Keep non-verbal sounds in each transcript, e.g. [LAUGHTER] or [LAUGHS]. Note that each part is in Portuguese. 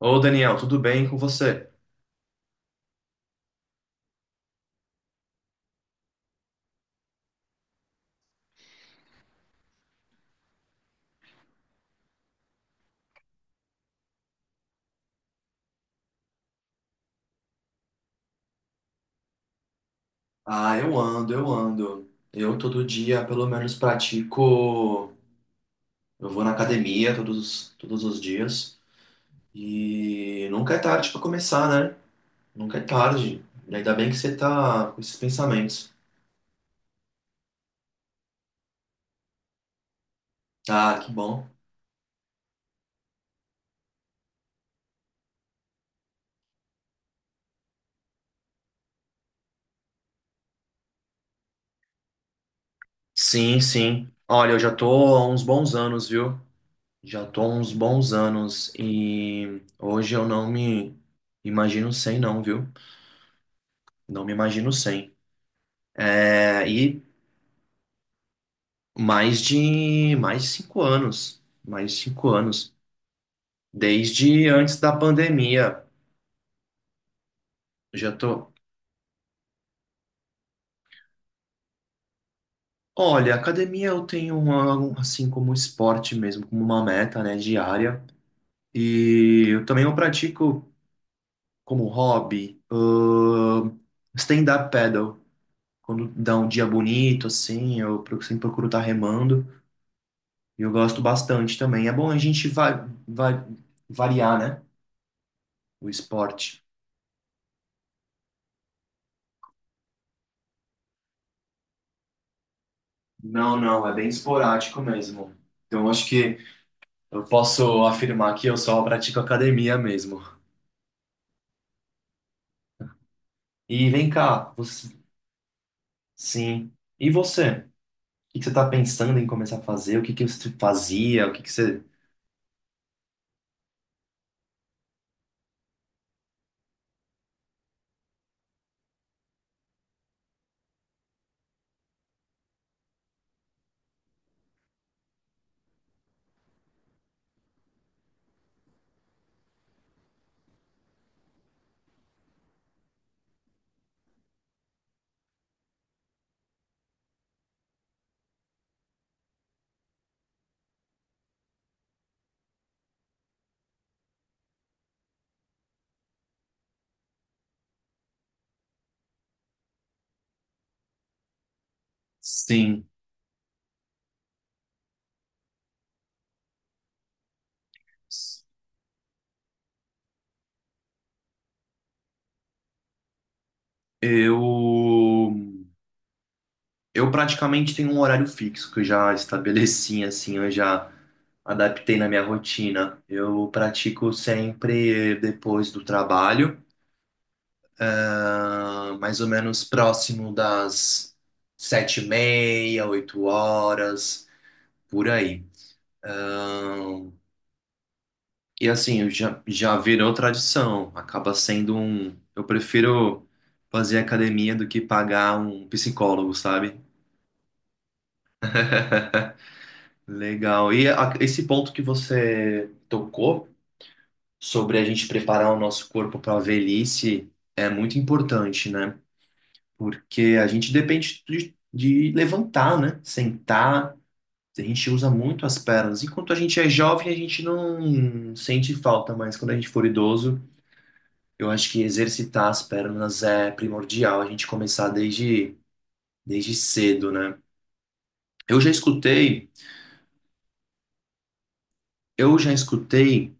Ô Daniel, tudo bem com você? Ah, eu ando, eu ando. Eu todo dia, pelo menos, pratico. Eu vou na academia todos, todos os dias. E nunca é tarde para começar, né? Nunca é tarde. E ainda bem que você tá com esses pensamentos. Ah, que bom. Sim, sim. Olha, eu já tô há uns bons anos, viu? Já tô há uns bons anos e hoje eu não me imagino sem, não, viu? Não me imagino sem. É, e mais de 5 anos, mais de cinco anos, desde antes da pandemia. Eu já tô. Olha, academia eu tenho uma, assim como esporte mesmo, como uma meta, né, diária. E eu também eu pratico como hobby, stand-up paddle. Quando dá um dia bonito, assim, eu sempre procuro estar remando. E eu gosto bastante também. É bom a gente va va variar, né, o esporte. Não, não, é bem esporádico mesmo. Então, eu acho que eu posso afirmar que eu só pratico academia mesmo. E vem cá, Sim. E você? O que que você está pensando em começar a fazer? O que que você fazia? O que que você... Sim, eu... Eu praticamente tenho um horário fixo que eu já estabeleci, assim, eu já adaptei na minha rotina. Eu pratico sempre depois do trabalho. Ah, mais ou menos próximo das 7:30, 8 horas, por aí. Ah, e assim, já, já virou tradição, acaba sendo um. Eu prefiro fazer academia do que pagar um psicólogo, sabe? [LAUGHS] Legal. E esse ponto que você tocou sobre a gente preparar o nosso corpo para a velhice é muito importante, né? Porque a gente depende de levantar, né? Sentar. A gente usa muito as pernas. Enquanto a gente é jovem, a gente não sente falta, mas quando a gente for idoso, eu acho que exercitar as pernas é primordial, a gente começar desde cedo, né? Eu já escutei, eu já escutei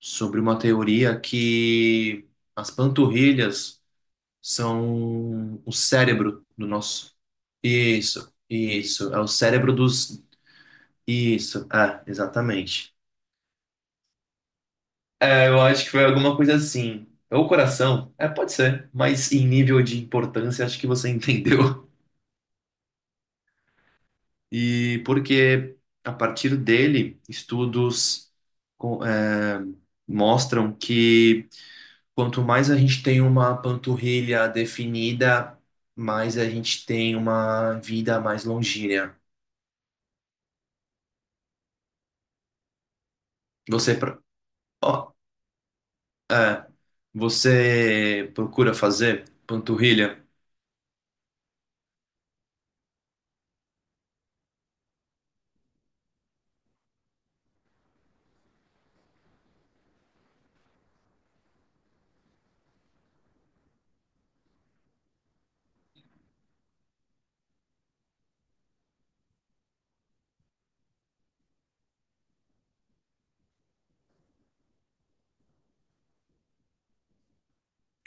sobre uma teoria que as panturrilhas são o cérebro do nosso. Isso, isso. É o cérebro dos. Isso, ah, exatamente. É, eu acho que foi alguma coisa assim. Ou coração, é, pode ser, mas em nível de importância, acho que você [LAUGHS] entendeu. E porque a partir dele, estudos com- é, mostram que quanto mais a gente tem uma panturrilha definida, mais a gente tem uma vida mais longínea. Você, pro- ó, é, você procura fazer panturrilha?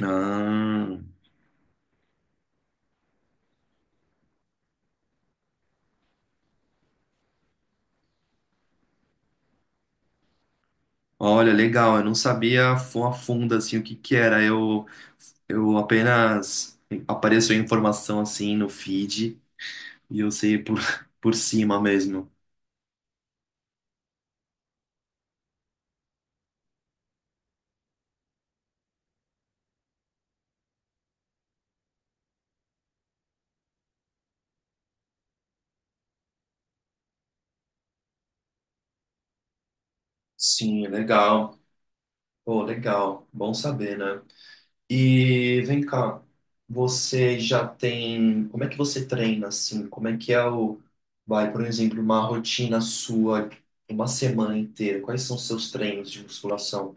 Ah. Olha, legal, eu não sabia a fundo assim o que que era. Eu apenas apareceu informação assim no feed e eu sei por [LAUGHS] por cima mesmo. Sim, legal. Pô, legal. Bom saber, né? E vem cá, você já tem, como é que você treina assim? Como é que é o, vai, por exemplo, uma rotina sua, uma semana inteira? Quais são os seus treinos de musculação?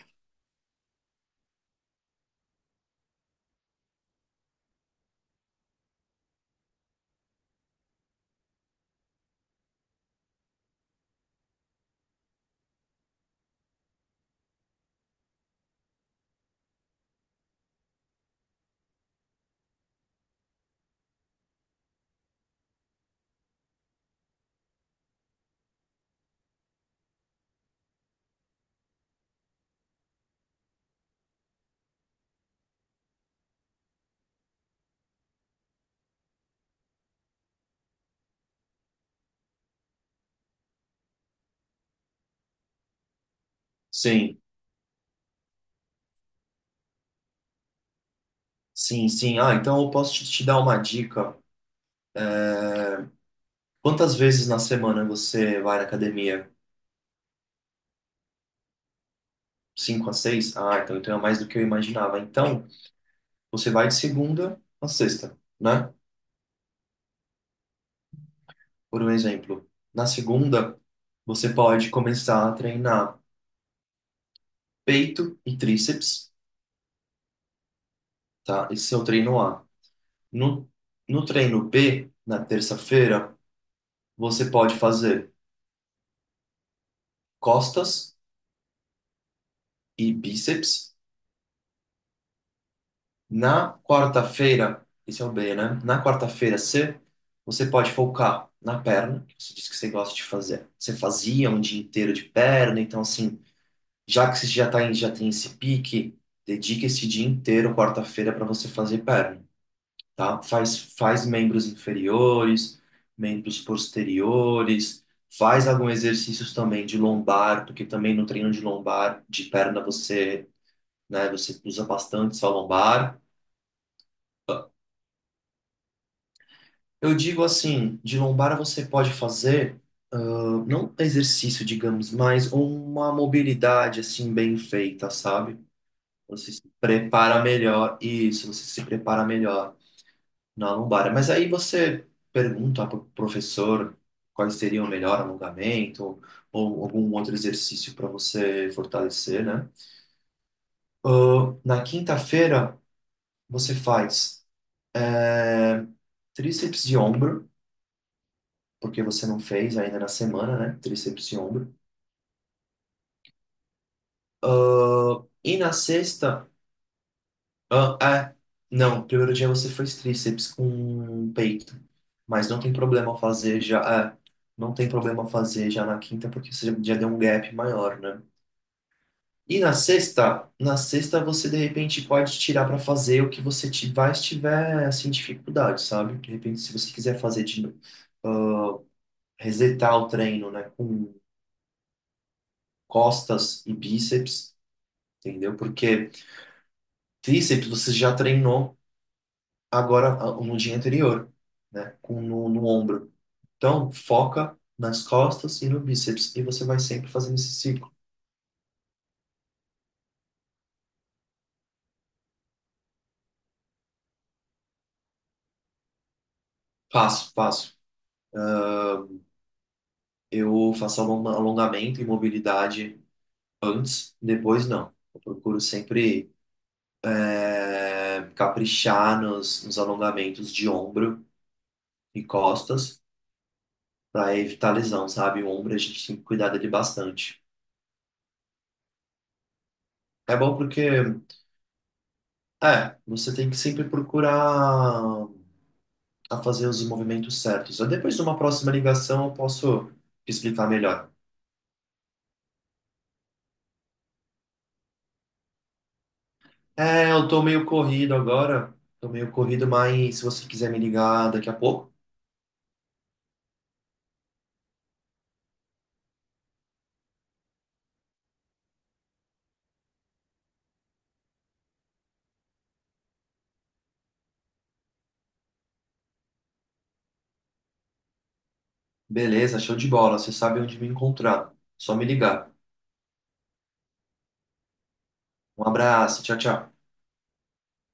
Sim, sim, sim. Ah, então eu posso te dar uma dica. Quantas vezes na semana você vai na academia? Cinco a seis? Ah, então, é mais do que eu imaginava. Então, você vai de segunda a sexta, né? Por um exemplo. Na segunda, você pode começar a treinar peito e tríceps, tá? Esse é o treino A. No, no treino B, na terça-feira, você pode fazer costas e bíceps. Na quarta-feira, esse é o B, né? Na quarta-feira, C, você pode focar na perna, que você disse que você gosta de fazer. Você fazia um dia inteiro de perna, então assim, já que você já tá em, já tem esse pique, dedica esse dia inteiro, quarta-feira, para você fazer perna, tá? Faz, faz membros inferiores, membros posteriores, faz alguns exercícios também de lombar, porque também no treino de lombar, de perna, você, né, você usa bastante só lombar. Eu digo assim, de lombara você pode fazer, ah, não exercício, digamos, mas uma mobilidade assim bem feita, sabe? Você se prepara melhor, isso, você se prepara melhor na lombar. Mas aí você pergunta para o professor quais seriam o melhor alongamento ou algum outro exercício para você fortalecer, né? Ah, na quinta-feira você faz eh, tríceps de ombro. Porque você não fez ainda na semana, né? Tríceps e ombro. Ah, e na sexta, ah, é, não, primeiro dia você fez tríceps com peito, mas não tem problema fazer já, é, não tem problema fazer já na quinta, porque você já deu um gap maior, né? E na sexta você de repente pode tirar para fazer o que você tiver, tiver assim dificuldade, sabe? De repente, se você quiser fazer de novo, resetar o treino, né, com costas e bíceps, entendeu? Porque tríceps você já treinou agora no dia anterior, né? Com, no ombro. Então, foca nas costas e no bíceps. E você vai sempre fazendo esse ciclo. Passo, passo. Eu faço alongamento e mobilidade antes, depois não. Eu procuro sempre caprichar nos alongamentos de ombro e costas para evitar lesão, sabe? O ombro a gente tem que cuidar dele bastante. É bom porque, você tem que sempre procurar a fazer os movimentos certos. Eu, depois de uma próxima ligação eu posso te explicar melhor. É, eu tô meio corrido agora, tô meio corrido, mas se você quiser me ligar daqui a pouco, beleza. Show de bola, você sabe onde me encontrar. Só me ligar. Um abraço, tchau, tchau.